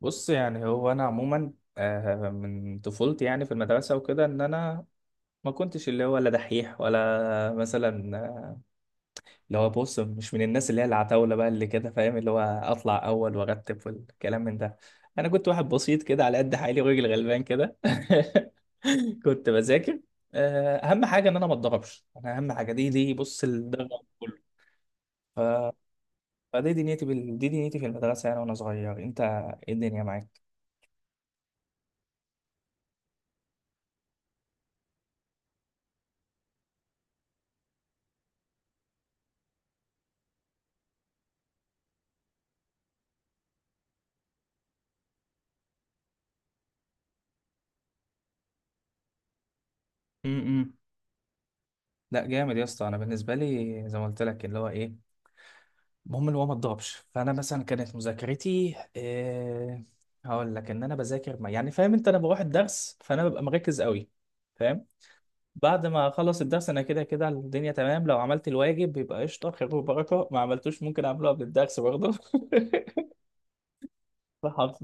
بص يعني هو انا عموما، من طفولتي يعني في المدرسه وكده ان انا ما كنتش اللي هو لا دحيح ولا مثلا، اللي هو بص مش من الناس اللي هي العتاوله بقى اللي كده فاهم اللي هو اطلع اول وارتب والكلام من ده. انا كنت واحد بسيط كده على قد حالي وراجل غلبان كده. كنت بذاكر، اهم حاجه ان انا ما اتضربش، انا اهم حاجه دي بص الدرجه كله. ف... دي دنيتي في المدرسه يعني وانا صغير. انت ايه الدنيا معاك؟ لا جامد يا اسطى، انا بالنسبه لي زي ما قلت لك اللي هو ايه، المهم اللي هو ما تضربش. فانا مثلا كانت مذاكرتي إيه، هقول لك: ان انا بذاكر ما يعني فاهم انت، انا بروح الدرس فانا ببقى مركز قوي، فاهم. بعد ما اخلص الدرس انا كده كده الدنيا تمام، لو عملت الواجب بيبقى قشطه خير وبركه، ما عملتوش ممكن اعمله قبل الدرس برضه. فحافظ.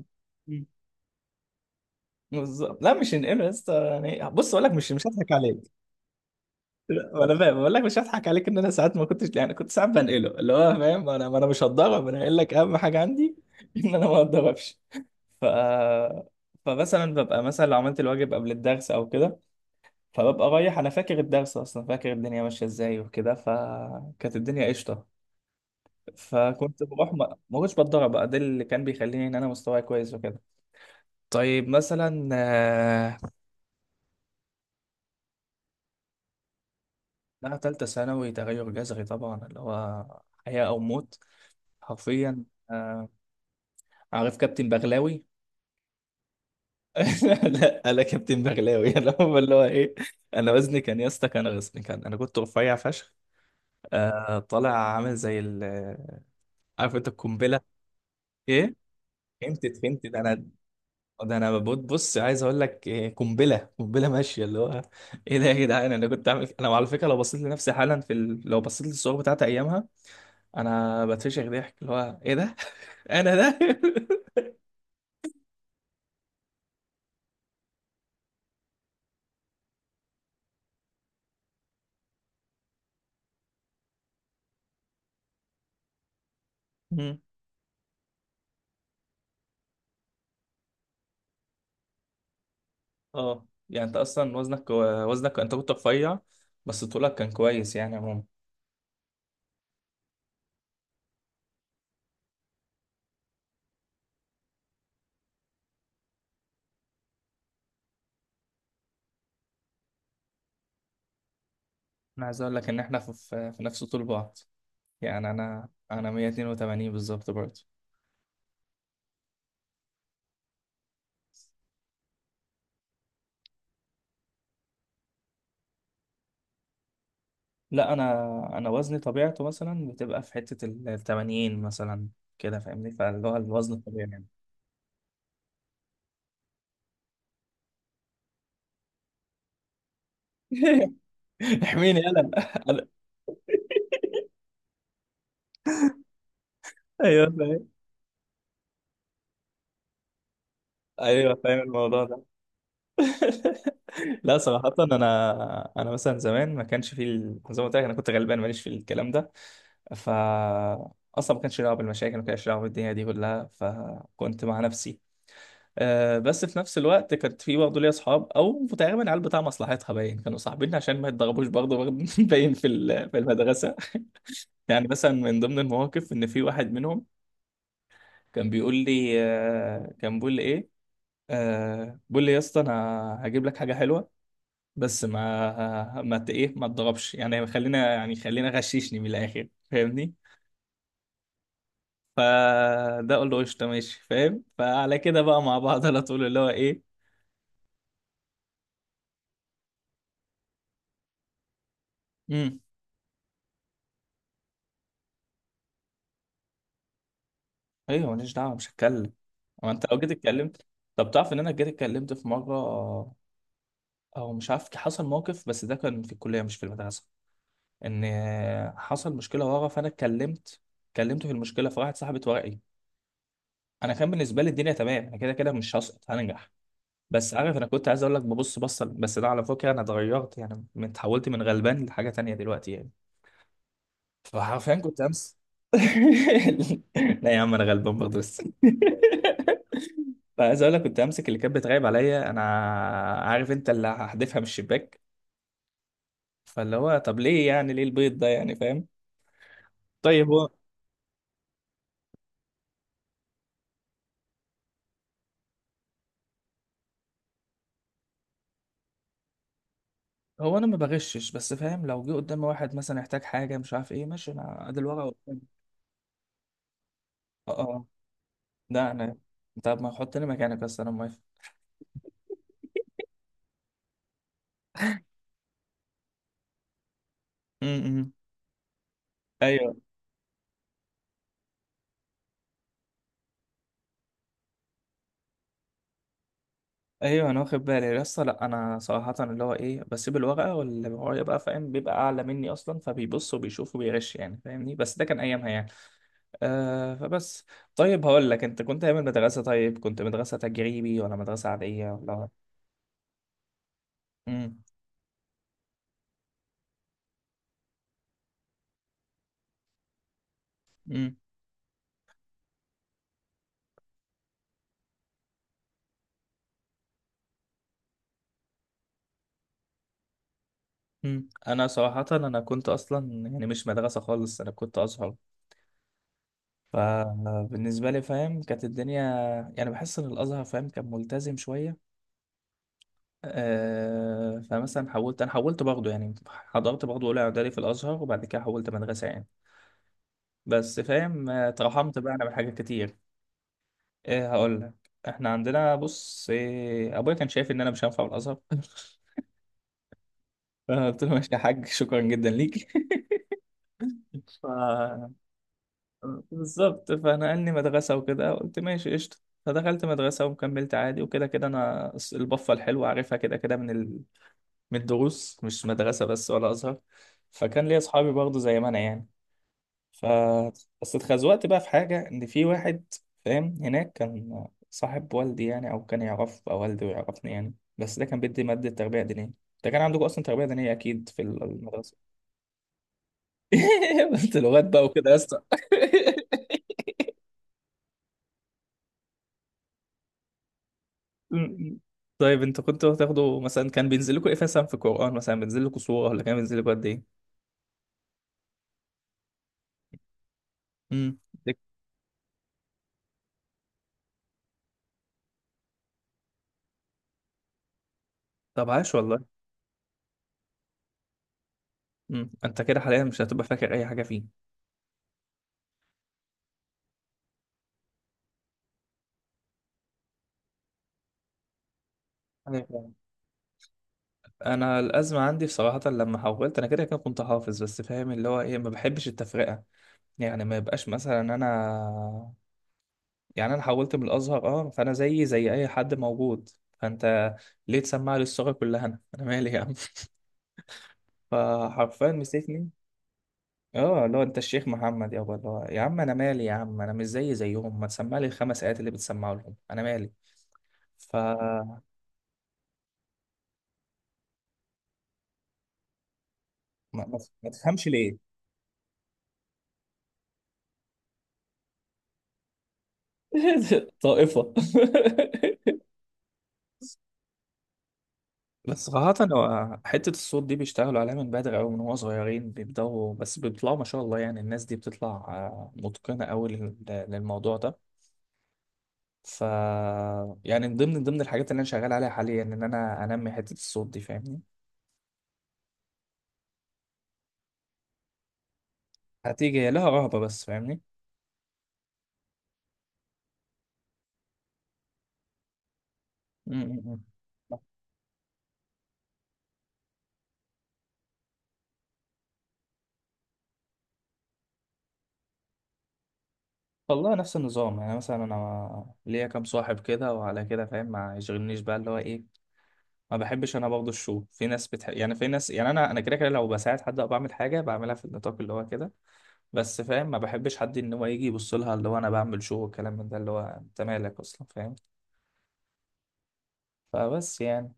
بالظبط، لا مش هنقمع يا اسطى. يعني بص اقول لك، مش هضحك عليك. لا، انا فاهم بقول لك مش هضحك عليك، ان انا ساعات ما كنتش يعني كنت ساعات بنقله، اللي هو فاهم انا، ما انا مش هتضرب، انا قايل لك اهم حاجه عندي ان انا ما اتضربش. ف فمثلا ببقى مثلا لو عملت الواجب قبل الدرس او كده، فببقى رايح انا فاكر الدرس اصلا، فاكر الدنيا ماشيه ازاي وكده، فكانت الدنيا قشطه. فكنت بروح ما كنتش بتضرب بقى، ده اللي كان بيخليني ان انا مستواي كويس وكده. طيب مثلا، لا، تالتة ثانوي تغير جذري طبعا اللي هو حياة أو موت حرفيا. آه، عارف كابتن بغلاوي؟ لا انا كابتن بغلاوي. انا هو اللي هو ايه، انا وزني كان يا اسطى، كان وزني كان، انا كنت رفيع فشخ، آه طالع، عامل زي ال، عارف انت القنبله؟ ايه، فهمت فهمت، ده انا، ده انا ببص بص عايز اقول لك قنبله قنبله ماشيه اللي هو ايه ده يا جدعان. انا كنت عامل، انا على فكره لو بصيت لنفسي حالا في لو بصيت للصور بتاعت ايامها انا بتفشخ ضحك، اللي هو ايه ده. انا ده. اه يعني انت اصلا وزنك وزنك انت كنت رفيع، بس طولك كان كويس يعني عموما. انا عايز اقول لك ان احنا في نفس طول بعض، يعني انا انا 182 بالظبط برضه. لا، انا انا وزني طبيعته مثلا بتبقى في حتة ال 80 مثلا، كده فاهمني، فاللي هو الوزن الطبيعي يعني. احميني يلا. أنا- ايوه فاهم. ايوه فاهم الموضوع ده. لا صراحة، انا انا مثلا زمان ما كانش في زي ما قلت لك انا كنت غلبان ماليش في الكلام ده. ف اصلا ما كانش لي دعوه بالمشاكل، ما كانش لي دعوه بالدنيا دي كلها، فكنت مع نفسي. أه بس في نفس الوقت كانت في برضه ليا اصحاب، او تقريبا العيال بتاع مصلحتها، باين كانوا صاحبين عشان ما يتضربوش برضه باين في في المدرسه. يعني مثلا من ضمن المواقف ان في واحد منهم كان بيقول لي أه، كان بيقول لي ايه، أه بيقول لي يا اسطى انا هجيب لك حاجه حلوه، بس ما ما ت- ايه ما تضربش، يعني خلينا يعني خلينا، غششني من الاخر فاهمني. فده قول له قشطه ماشي فاهم، فعلى كده بقى مع بعض على طول اللي هو ايه. امم، ايوه ماليش دعوه مش هتكلم. هو انت لو جيت اتكلمت، طب تعرف ان انا جيت اتكلمت في مره؟ او مش عارف حصل موقف، بس ده كان في الكليه مش في المدرسه. ان حصل مشكله ورا فانا اتكلمت، اتكلمت في المشكله فراحت صاحبه ورقي. انا كان بالنسبه لي الدنيا تمام، انا كده كده مش هسقط هنجح. بس عارف، انا كنت عايز اقول لك ببص بصه، بس ده على فكره انا اتغيرت يعني اتحولت من غلبان لحاجه تانية دلوقتي يعني. فحرفيا كنت امس. لا يا عم انا غلبان برضه بس. فعايز اقول لك كنت امسك اللي كانت بتراقب عليا انا، عارف انت، اللي هحدفها من الشباك. فاللي هو طب ليه يعني، ليه البيض ده يعني فاهم. طيب هو، هو انا ما بغشش بس فاهم، لو جه قدامي واحد مثلا يحتاج حاجه مش عارف ايه، ماشي انا ادي الورقه قدامي. اه اه، ده انا، طب ما حطني مكانك، بس انا موافق. م- م. ايوه. ايوه انا واخد بالي لسه. لا انا صراحه اللي هو ايه، بسيب الورقه واللي ورايا بقى فاهم بيبقى اعلى مني اصلا، فبيبص وبيشوف وبيغش يعني فاهمني، بس ده كان ايامها يعني. فبس، طيب هقول لك، انت كنت ايام المدرسه طيب كنت مدرسه تجريبي ولا مدرسه عاديه ولا؟ امم، امم، امم. انا صراحه، انا كنت اصلا يعني مش مدرسه خالص، انا كنت ازهر. فبالنسبه لي فاهم كانت الدنيا يعني، بحس ان الازهر فاهم كان ملتزم شويه. آه، فمثلا حولت، انا حولت برضه يعني، حضرت برضه اولى اعدادي في الازهر وبعد كده حولت مدرسه يعني. بس فاهم، اترحمت بقى انا من حاجات كتير. ايه، هقول لك، احنا عندنا بص إيه، ابويا كان شايف ان انا مش هنفع في الازهر. فانا قلت له ماشي يا حاج شكرا جدا ليك. ف بالظبط. فنقلني مدرسه وكده قلت ماشي قشطه. فدخلت مدرسه وكملت عادي، وكده كده انا البفه الحلوه عارفها كده كده من، من الدروس مش مدرسة بس ولا أزهر. فكان ليا أصحابي برضه زي ما أنا يعني. ف بس اتخزوقت بقى في حاجة، إن في واحد فاهم هناك كان صاحب والدي يعني، أو كان يعرف أو والدي ويعرفني يعني، بس ده كان بيدي مادة تربية دينية. ده كان عندكم أصلا تربية دينية أكيد في المدرسة. بنت لغات بقى وكده يا اسطى. طيب انتوا كنتوا بتاخدوا مثلا، كان بينزل لكم ايه مثلا في القرآن، مثلا بينزل لكم سورة ولا كان بينزل لكم قد ايه؟ امم. طب عاش والله. امم، انت كده حاليا مش هتبقى فاكر اي حاجة فيه؟ أيوة فاهم. انا الازمه عندي بصراحه لما حولت، انا كده كده كنت حافظ، بس فاهم اللي هو ايه، ما بحبش التفرقه. يعني ما يبقاش مثلا انا، يعني انا حولت من الازهر اه، فانا زي زي اي حد موجود. فانت ليه تسمع لي الصوره كلها، انا انا مالي يا عم؟ فحرفيا مسكني. اه اللي هو انت الشيخ محمد يابا، اللي هو يا عم انا مالي يا عم، انا مش زي زيهم، ما تسمع لي الخمس ايات اللي بتسمعوا لهم، انا مالي. ف ما, ما تفهمش ليه. طائفه. بس صراحة هو حتة الصوت دي بيشتغلوا عليها من بدري أوي، من هو صغيرين بيبدأوا، بس بيطلعوا ما شاء الله، يعني الناس دي بتطلع، متقنة أوي للموضوع ده. ف يعني من ضمن الحاجات اللي أنا شغال عليها حاليا إن أنا أنمي حتة الصوت دي فاهمني. هتيجي هي لها رهبة بس فاهمني. م- م- م. والله نفس النظام، يعني مثلا أنا ليا كام صاحب كده وعلى كده فاهم، ما يشغلنيش بقى اللي هو إيه. ما بحبش أنا برضه الشو، في ناس بتحب يعني، في ناس يعني، أنا أنا كده كده لو بساعد حد أو بعمل حاجة بعملها في النطاق اللي هو كده. بس فاهم ما بحبش حد ان هو يجي يبص لها اللي هو انا بعمل شو والكلام من ده اللي هو انت مالك اصلا فاهم. فبس يعني،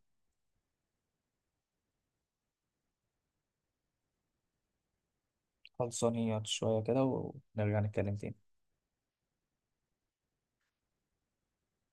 خلصانيات شويه كده ونرجع نتكلم تاني.